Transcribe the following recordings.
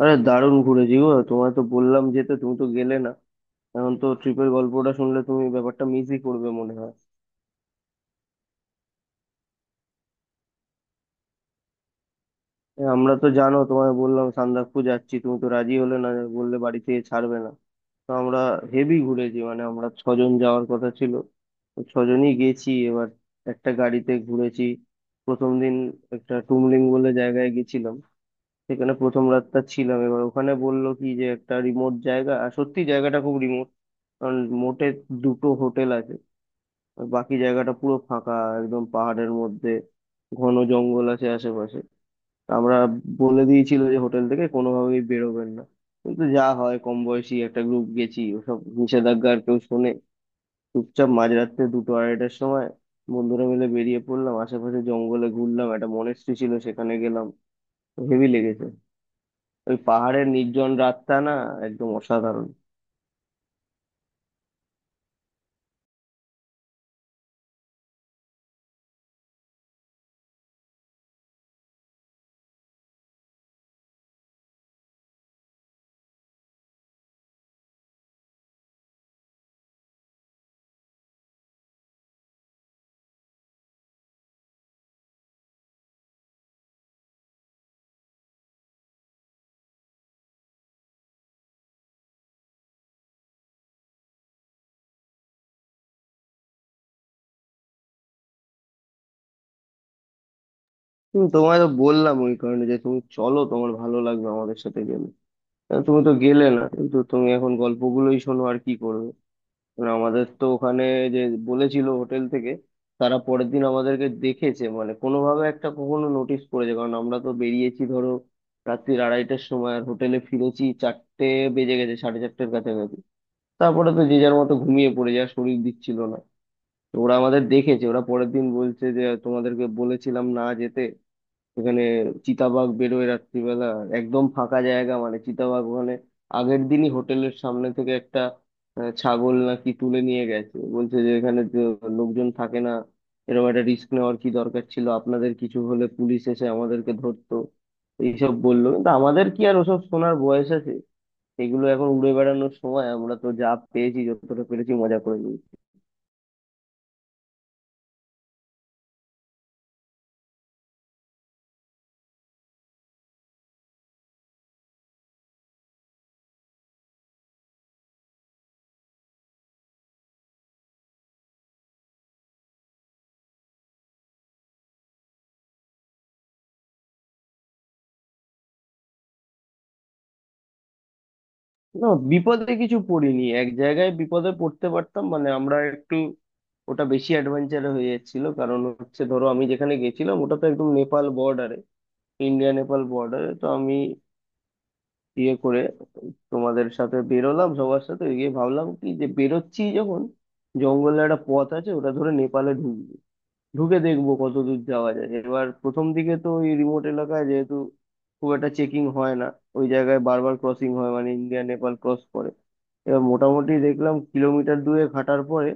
আরে দারুণ ঘুরেছি গো, তোমায় তো বললাম যেতে, তুমি তো গেলে না। এখন তো ট্রিপের গল্পটা শুনলে তুমি ব্যাপারটা মিসই করবে মনে হয়। আমরা তো, জানো, তোমায় বললাম সান্দাকফু যাচ্ছি, তুমি তো রাজি হলে না, বললে বাড়ি থেকে ছাড়বে না। তো আমরা হেভি ঘুরেছি। মানে আমরা ছজন যাওয়ার কথা ছিল, তো ছজনই গেছি এবার। একটা গাড়িতে ঘুরেছি। প্রথম দিন একটা টুমলিং বলে জায়গায় গেছিলাম, সেখানে প্রথম রাতটা ছিলাম। এবার ওখানে বললো কি যে একটা রিমোট জায়গা, আর সত্যি জায়গাটা খুব রিমোট। কারণ মোটে দুটো হোটেল আছে, আর বাকি জায়গাটা পুরো ফাঁকা। একদম পাহাড়ের মধ্যে ঘন জঙ্গল আছে আশেপাশে। তা আমরা, বলে দিয়েছিল যে হোটেল থেকে কোনোভাবেই বেরোবেন না, কিন্তু যা হয়, কম বয়সী একটা গ্রুপ গেছি, ওসব নিষেধাজ্ঞা আর কেউ শোনে। চুপচাপ মাঝরাত্রে দুটো আড়াইটার সময় বন্ধুরা মিলে বেরিয়ে পড়লাম, আশেপাশে জঙ্গলে ঘুরলাম, একটা মনেস্ট্রি ছিল সেখানে গেলাম। হেভি লেগেছে। ওই পাহাড়ের নির্জন রাতটা না একদম অসাধারণ। তোমায় তো বললাম ওই কারণে যে তুমি চলো, তোমার ভালো লাগবে আমাদের সাথে গেলে। তুমি তো গেলে না, কিন্তু তুমি এখন গল্পগুলোই শোনো, আর কি করবে। মানে আমাদের তো ওখানে, যে বলেছিল হোটেল থেকে, তারা পরের দিন আমাদেরকে দেখেছে, মানে কোনোভাবে একটা কখনো নোটিস করেছে, কারণ আমরা তো বেরিয়েছি ধরো রাত্রির আড়াইটার সময়, আর হোটেলে ফিরেছি চারটে বেজে গেছে, সাড়ে চারটের কাছাকাছি। তারপরে তো যে যার মতো ঘুমিয়ে পড়ে, যা শরীর দিচ্ছিল না। তো ওরা আমাদের দেখেছে, ওরা পরের দিন বলছে যে তোমাদেরকে বলেছিলাম না যেতে, এখানে চিতাবাঘ বেরোয় রাত্রিবেলা, একদম ফাঁকা জায়গা, মানে চিতাবাঘ মানে আগের দিনই হোটেলের সামনে থেকে একটা ছাগল নাকি তুলে নিয়ে গেছে। বলছে যে এখানে তো লোকজন থাকে না, এরকম একটা রিস্ক নেওয়ার কি দরকার ছিল, আপনাদের কিছু হলে পুলিশ এসে আমাদেরকে ধরতো। এইসব বললো, কিন্তু আমাদের কি আর ওসব শোনার বয়স আছে? এগুলো এখন উড়ে বেড়ানোর সময়, আমরা তো যা পেয়েছি যতটা পেরেছি মজা করে নিই। না, বিপদে কিছু পড়িনি। এক জায়গায় বিপদে পড়তে পারতাম, মানে আমরা একটু, ওটা বেশি অ্যাডভেঞ্চার হয়ে যাচ্ছিল। কারণ হচ্ছে ধরো, আমি যেখানে গেছিলাম ওটা তো একদম নেপাল বর্ডারে, ইন্ডিয়া নেপাল বর্ডারে। তো আমি ইয়ে করে তোমাদের সাথে বেরোলাম, সবার সাথে গিয়ে ভাবলাম কি, যে বেরোচ্ছি যখন, জঙ্গলে একটা পথ আছে ওটা ধরে নেপালে ঢুকবো, ঢুকে দেখবো কত দূর যাওয়া যায়। এবার প্রথম দিকে তো ওই রিমোট এলাকায় যেহেতু খুব একটা চেকিং হয় না, ওই জায়গায় বারবার ক্রসিং হয়, মানে ইন্ডিয়া নেপাল ক্রস করে। এবার মোটামুটি দেখলাম কিলোমিটার দুয়েক হাঁটার পরে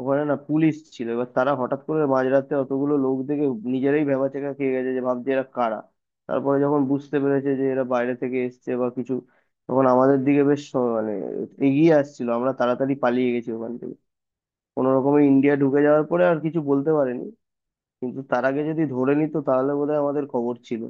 ওখানে না পুলিশ ছিল। এবার তারা হঠাৎ করে মাঝরাতে অতগুলো লোক দেখে নিজেরাই ভ্যাবাচ্যাকা খেয়ে গেছে, যে ভাবছে এরা কারা। তারপরে যখন বুঝতে পেরেছে যে এরা বাইরে থেকে এসছে বা কিছু, তখন আমাদের দিকে বেশ মানে এগিয়ে আসছিল। আমরা তাড়াতাড়ি পালিয়ে গেছি ওখান থেকে, কোনো রকমে ইন্ডিয়া ঢুকে যাওয়ার পরে আর কিছু বলতে পারেনি। কিন্তু তার আগে যদি ধরে নিত তাহলে বোধহয় আমাদের খবর ছিল।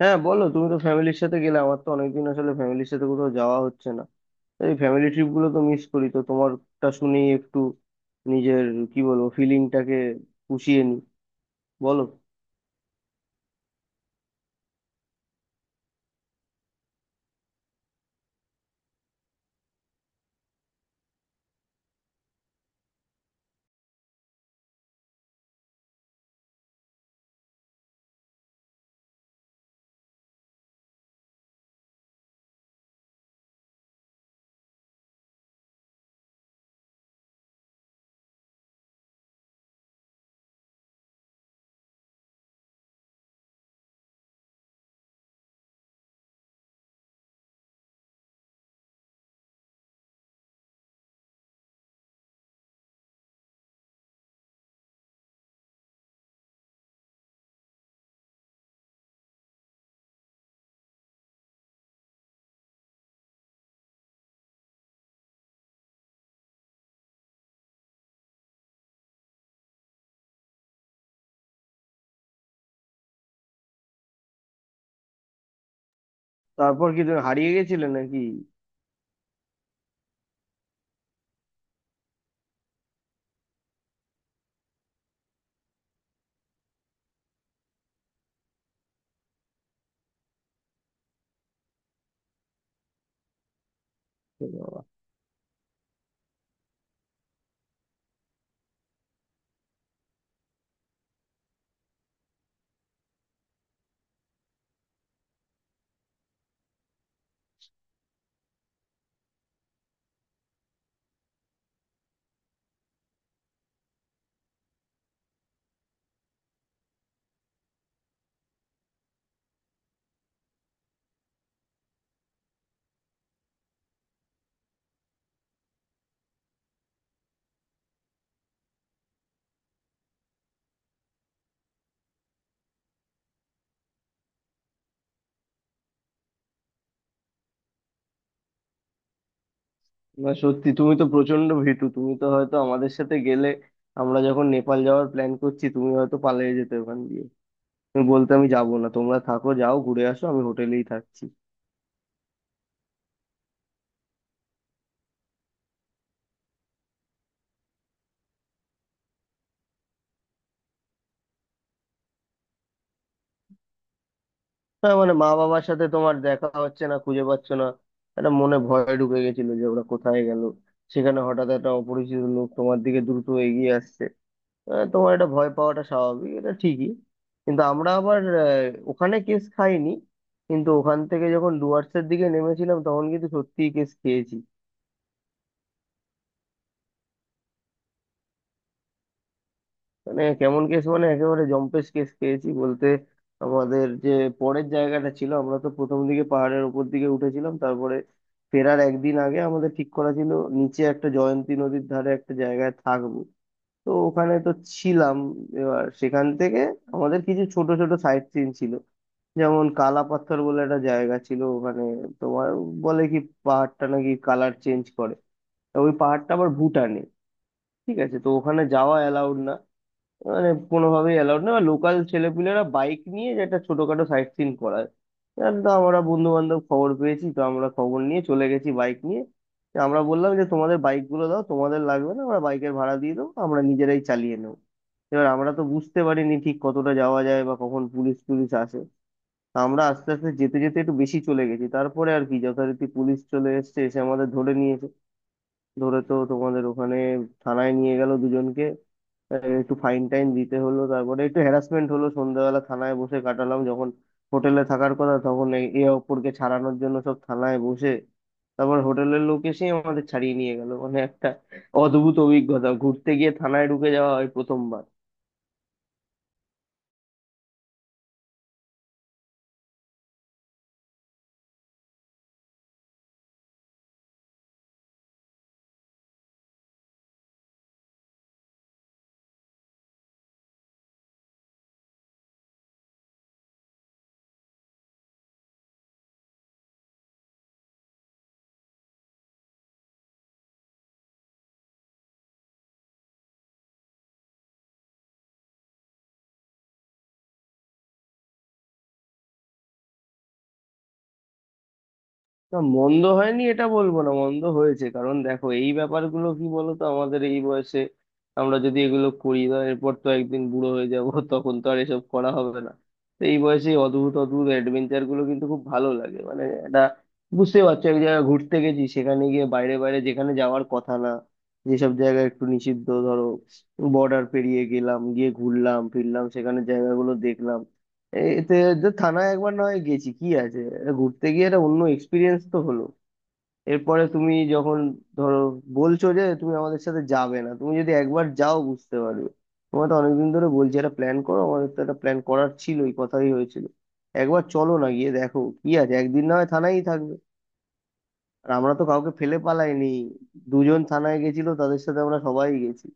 হ্যাঁ বলো, তুমি তো ফ্যামিলির সাথে গেলে, আমার তো অনেকদিন আসলে ফ্যামিলির সাথে কোথাও যাওয়া হচ্ছে না। এই ফ্যামিলি ট্রিপ গুলো তো মিস করি, তো তোমারটা শুনেই একটু নিজের কি বলবো, ফিলিংটাকে পুষিয়ে নি। বলো। তারপর কি, তুমি হারিয়ে গেছিলে নাকি? এ বাবা। না সত্যি, তুমি তো প্রচন্ড ভীতু। তুমি তো হয়তো আমাদের সাথে গেলে, আমরা যখন নেপাল যাওয়ার প্ল্যান করছি, তুমি হয়তো পালিয়ে যেতে ওখান দিয়ে। তুমি বলতে আমি যাবো না, তোমরা থাকো, যাও ঘুরে আসো, আমি হোটেলেই থাকছি। হ্যাঁ, মানে মা বাবার সাথে তোমার দেখা হচ্ছে না, খুঁজে পাচ্ছ না, একটা মনে ভয় ঢুকে গেছিল যে ওরা কোথায় গেল, সেখানে হঠাৎ একটা অপরিচিত লোক তোমার দিকে দ্রুত এগিয়ে আসছে। তোমার এটা ভয় পাওয়াটা স্বাভাবিক, এটা ঠিকই। কিন্তু আমরা আবার, ওখানে কেস খাইনি, কিন্তু ওখান থেকে যখন ডুয়ার্সের দিকে নেমেছিলাম তখন কিন্তু সত্যিই কেস খেয়েছি। মানে কেমন কেস মানে একেবারে জম্পেশ কেস পেয়েছি বলতে। আমাদের যে পরের জায়গাটা ছিল, আমরা তো প্রথম দিকে পাহাড়ের উপর দিকে উঠেছিলাম, তারপরে ফেরার একদিন আগে আমাদের ঠিক করা ছিল নিচে একটা জয়ন্তী নদীর ধারে একটা জায়গায় থাকবো। তো ওখানে তো ছিলাম। এবার সেখান থেকে আমাদের কিছু ছোট ছোট সাইট সিন ছিল, যেমন কালা পাথর বলে একটা জায়গা ছিল ওখানে। তোমার, বলে কি, পাহাড়টা নাকি কালার চেঞ্জ করে। তা ওই পাহাড়টা আবার ভুটানে, ঠিক আছে, তো ওখানে যাওয়া অ্যালাউড না, মানে কোনোভাবেই অ্যালাউড না। লোকাল ছেলেপুলেরা বাইক নিয়ে যে একটা ছোটখাটো সাইট সিন করায়, আর তো আমরা বন্ধু বান্ধব খবর পেয়েছি, তো আমরা খবর নিয়ে চলে গেছি বাইক নিয়ে। তো আমরা বললাম যে তোমাদের বাইক গুলো দাও, তোমাদের লাগবে না, আমরা বাইকের ভাড়া দিয়ে দেবো, আমরা নিজেরাই চালিয়ে নেবো। এবার আমরা তো বুঝতে পারিনি ঠিক কতটা যাওয়া যায় বা কখন পুলিশ টুলিশ আসে। তা আমরা আস্তে আস্তে যেতে যেতে একটু বেশি চলে গেছি, তারপরে আর কি যথারীতি পুলিশ চলে এসেছে, এসে আমাদের ধরে নিয়েছে। ধরে তো তোমাদের ওখানে থানায় নিয়ে গেল দুজনকে। আহ, একটু ফাইন টাইন দিতে হলো, তারপরে একটু হ্যারাসমেন্ট হলো, সন্ধ্যাবেলা থানায় বসে কাটালাম যখন হোটেলে থাকার কথা, তখন এ এ অপরকে ছাড়ানোর জন্য সব থানায় বসে। তারপর হোটেলের লোক এসে আমাদের ছাড়িয়ে নিয়ে গেল। মানে একটা অদ্ভুত অভিজ্ঞতা, ঘুরতে গিয়ে থানায় ঢুকে যাওয়া হয় প্রথমবার। না মন্দ হয়নি এটা বলবো, না মন্দ হয়েছে, কারণ দেখো এই ব্যাপারগুলো কি বলতো, আমাদের এই বয়সে আমরা যদি এগুলো করি, তো এরপর তো একদিন বুড়ো হয়ে যাব তখন তো আর এসব করা হবে না। তো এই বয়সে এই অদ্ভুত অদ্ভুত অ্যাডভেঞ্চার গুলো কিন্তু খুব ভালো লাগে। মানে এটা বুঝতে পারছো, এক জায়গায় ঘুরতে গেছি, সেখানে গিয়ে বাইরে বাইরে যেখানে যাওয়ার কথা না, যেসব জায়গা একটু নিষিদ্ধ ধরো, বর্ডার পেরিয়ে গেলাম, গিয়ে ঘুরলাম ফিরলাম, সেখানে জায়গাগুলো দেখলাম। এতে, তো থানায় একবার না হয় গেছি, কি আছে, এটা ঘুরতে গিয়ে একটা অন্য এক্সপিরিয়েন্স তো হলো। এরপরে তুমি যখন ধরো বলছো যে তুমি আমাদের সাথে যাবে না, তুমি যদি একবার যাও বুঝতে পারবে। তোমার তো অনেকদিন ধরে বলছি একটা প্ল্যান করো, আমাদের তো একটা প্ল্যান করার ছিল, এই কথাই হয়েছিল। একবার চলো না গিয়ে দেখো কি আছে, একদিন না হয় থানায়ই থাকবে। আর আমরা তো কাউকে ফেলে পালাইনি, দুজন থানায় গেছিল তাদের সাথে আমরা সবাই গেছি।